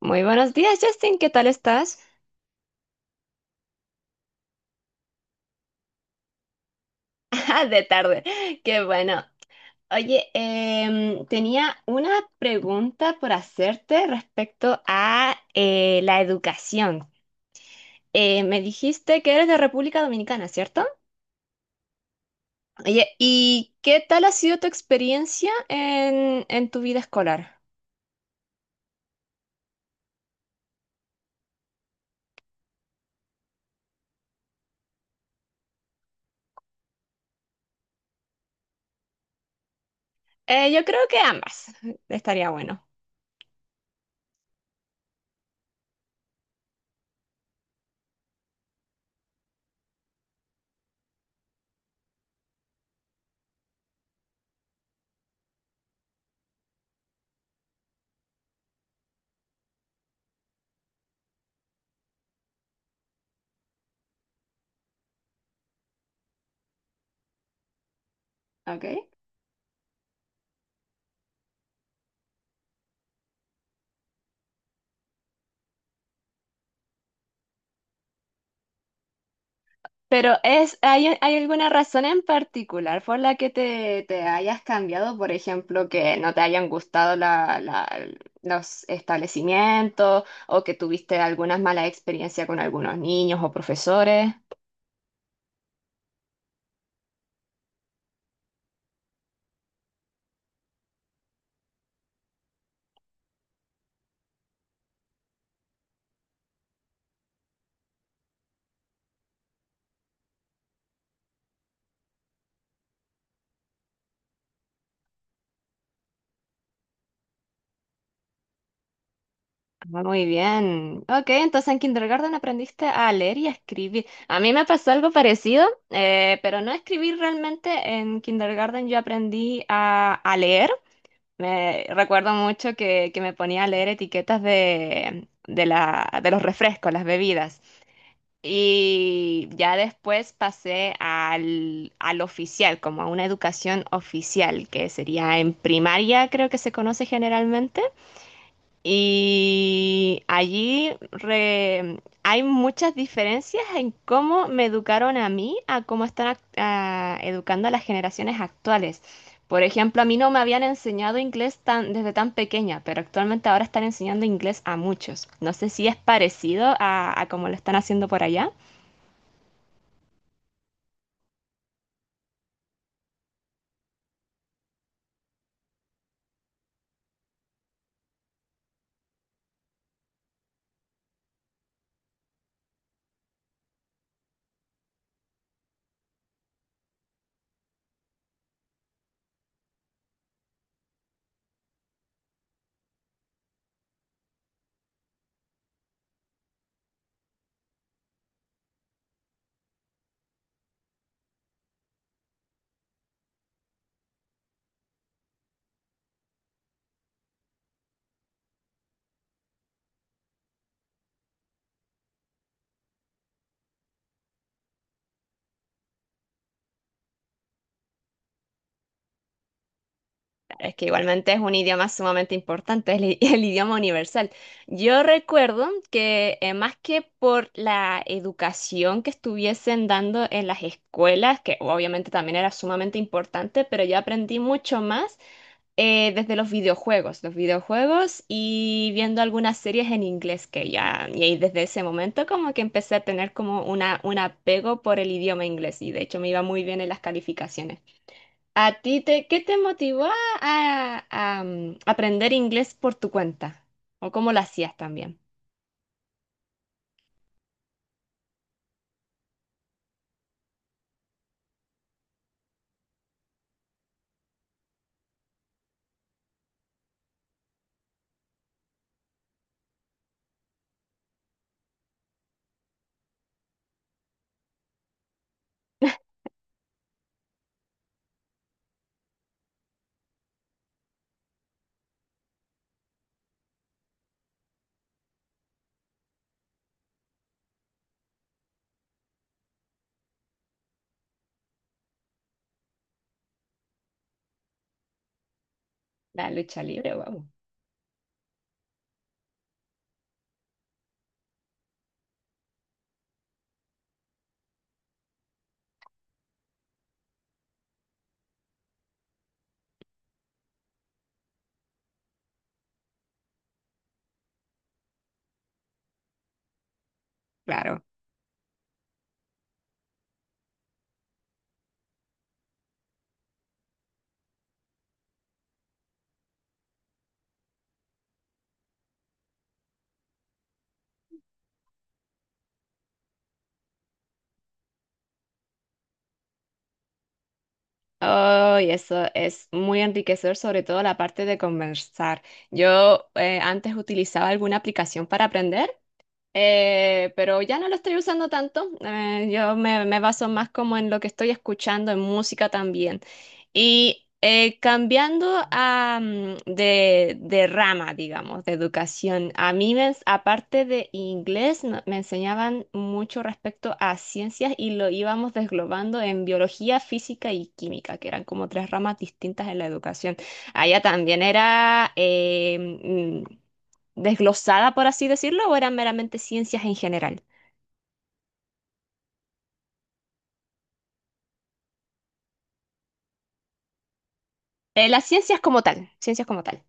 Muy buenos días, Justin. ¿Qué tal estás? De tarde. Qué bueno. Oye, tenía una pregunta por hacerte respecto a la educación. Me dijiste que eres de República Dominicana, ¿cierto? Oye, ¿y qué tal ha sido tu experiencia en tu vida escolar? Yo creo que ambas. Estaría bueno. Ok. Pero es, ¿hay, alguna razón en particular por la que te hayas cambiado? Por ejemplo, que no te hayan gustado los establecimientos o que tuviste algunas malas experiencias con algunos niños o profesores. Ah, muy bien. Ok, entonces en kindergarten aprendiste a leer y a escribir. A mí me pasó algo parecido, pero no a escribir realmente. En kindergarten yo aprendí a leer. Me recuerdo mucho que me ponía a leer etiquetas de los refrescos, las bebidas. Y ya después pasé al oficial, como a una educación oficial, que sería en primaria, creo que se conoce generalmente. Y allí hay muchas diferencias en cómo me educaron a mí, a cómo están educando a las generaciones actuales. Por ejemplo, a mí no me habían enseñado inglés desde tan pequeña, pero actualmente ahora están enseñando inglés a muchos. No sé si es parecido a cómo lo están haciendo por allá. Es que igualmente es un idioma sumamente importante, es el el idioma universal. Yo recuerdo que más que por la educación que estuviesen dando en las escuelas, que obviamente también era sumamente importante, pero yo aprendí mucho más desde los videojuegos y viendo algunas series en inglés que ya, y ahí desde ese momento como que empecé a tener como un apego por el idioma inglés y de hecho me iba muy bien en las calificaciones. ¿A ti qué te motivó a aprender inglés por tu cuenta? ¿O cómo lo hacías también? La lucha libre, wow. Claro. Oh, y eso es muy enriquecedor, sobre todo la parte de conversar. Yo antes utilizaba alguna aplicación para aprender. Pero ya no lo estoy usando tanto. Yo me baso más como en lo que estoy escuchando, en música también. Y cambiando de rama, digamos, de educación, a mí, aparte de inglés, me enseñaban mucho respecto a ciencias y lo íbamos desglobando en biología, física y química, que eran como tres ramas distintas en la educación. Allá también era... mm, desglosada, por así decirlo, ¿o eran meramente ciencias en general? Las ciencias como tal, ciencias como tal.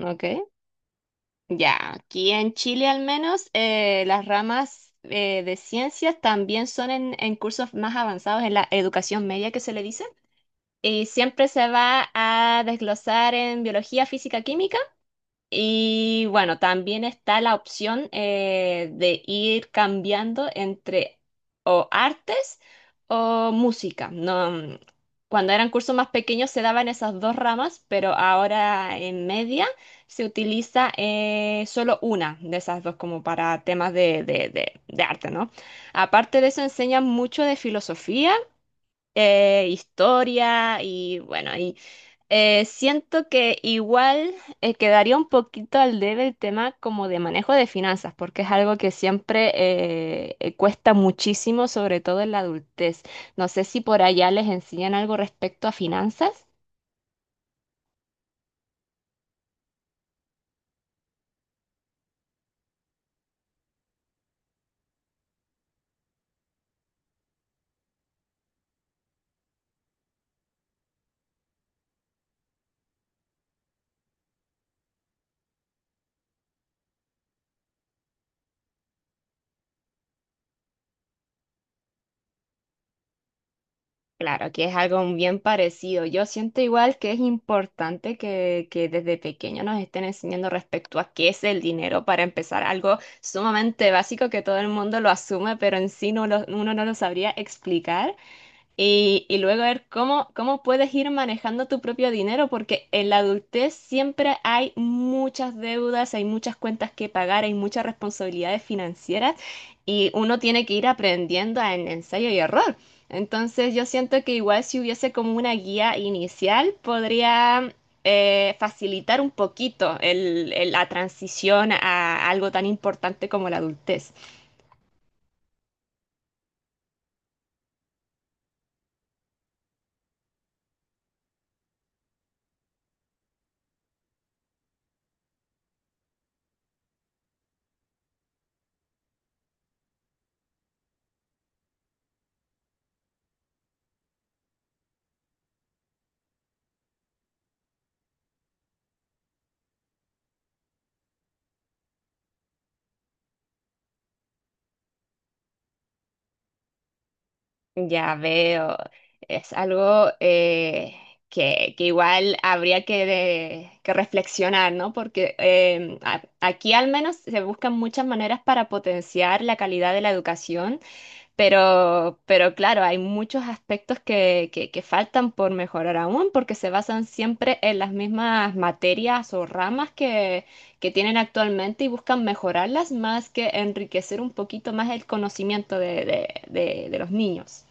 Ok. Ya, aquí en Chile al menos las ramas de ciencias también son en cursos más avanzados en la educación media que se le dice. Y siempre se va a desglosar en biología, física, química. Y bueno, también está la opción de ir cambiando entre o artes o música. No, cuando eran cursos más pequeños se daban esas dos ramas, pero ahora en media se utiliza solo una de esas dos como para temas de arte, ¿no? Aparte de eso enseñan mucho de filosofía, historia y bueno, siento que igual quedaría un poquito al debe el tema como de manejo de finanzas, porque es algo que siempre cuesta muchísimo, sobre todo en la adultez. No sé si por allá les enseñan algo respecto a finanzas. Claro, que es algo bien parecido. Yo siento igual que es importante que desde pequeño nos estén enseñando respecto a qué es el dinero para empezar algo sumamente básico que todo el mundo lo asume, pero en sí uno no lo sabría explicar. Y luego ver cómo puedes ir manejando tu propio dinero, porque en la adultez siempre hay muchas deudas, hay muchas cuentas que pagar, hay muchas responsabilidades financieras y uno tiene que ir aprendiendo en ensayo y error. Entonces yo siento que igual si hubiese como una guía inicial, podría facilitar un poquito la transición a algo tan importante como la adultez. Ya veo, es algo que igual habría que reflexionar, ¿no? Porque aquí al menos se buscan muchas maneras para potenciar la calidad de la educación, pero claro, hay muchos aspectos que faltan por mejorar aún, porque se basan siempre en las mismas materias o ramas que tienen actualmente y buscan mejorarlas más que enriquecer un poquito más el conocimiento de los niños.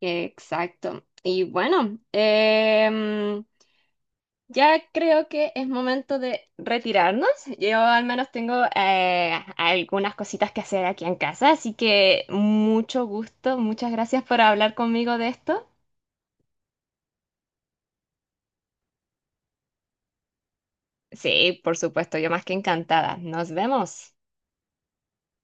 Exacto. Y bueno, ya creo que es momento de retirarnos. Yo al menos tengo algunas cositas que hacer aquí en casa, así que mucho gusto, muchas gracias por hablar conmigo de esto. Sí, por supuesto, yo más que encantada. Nos vemos.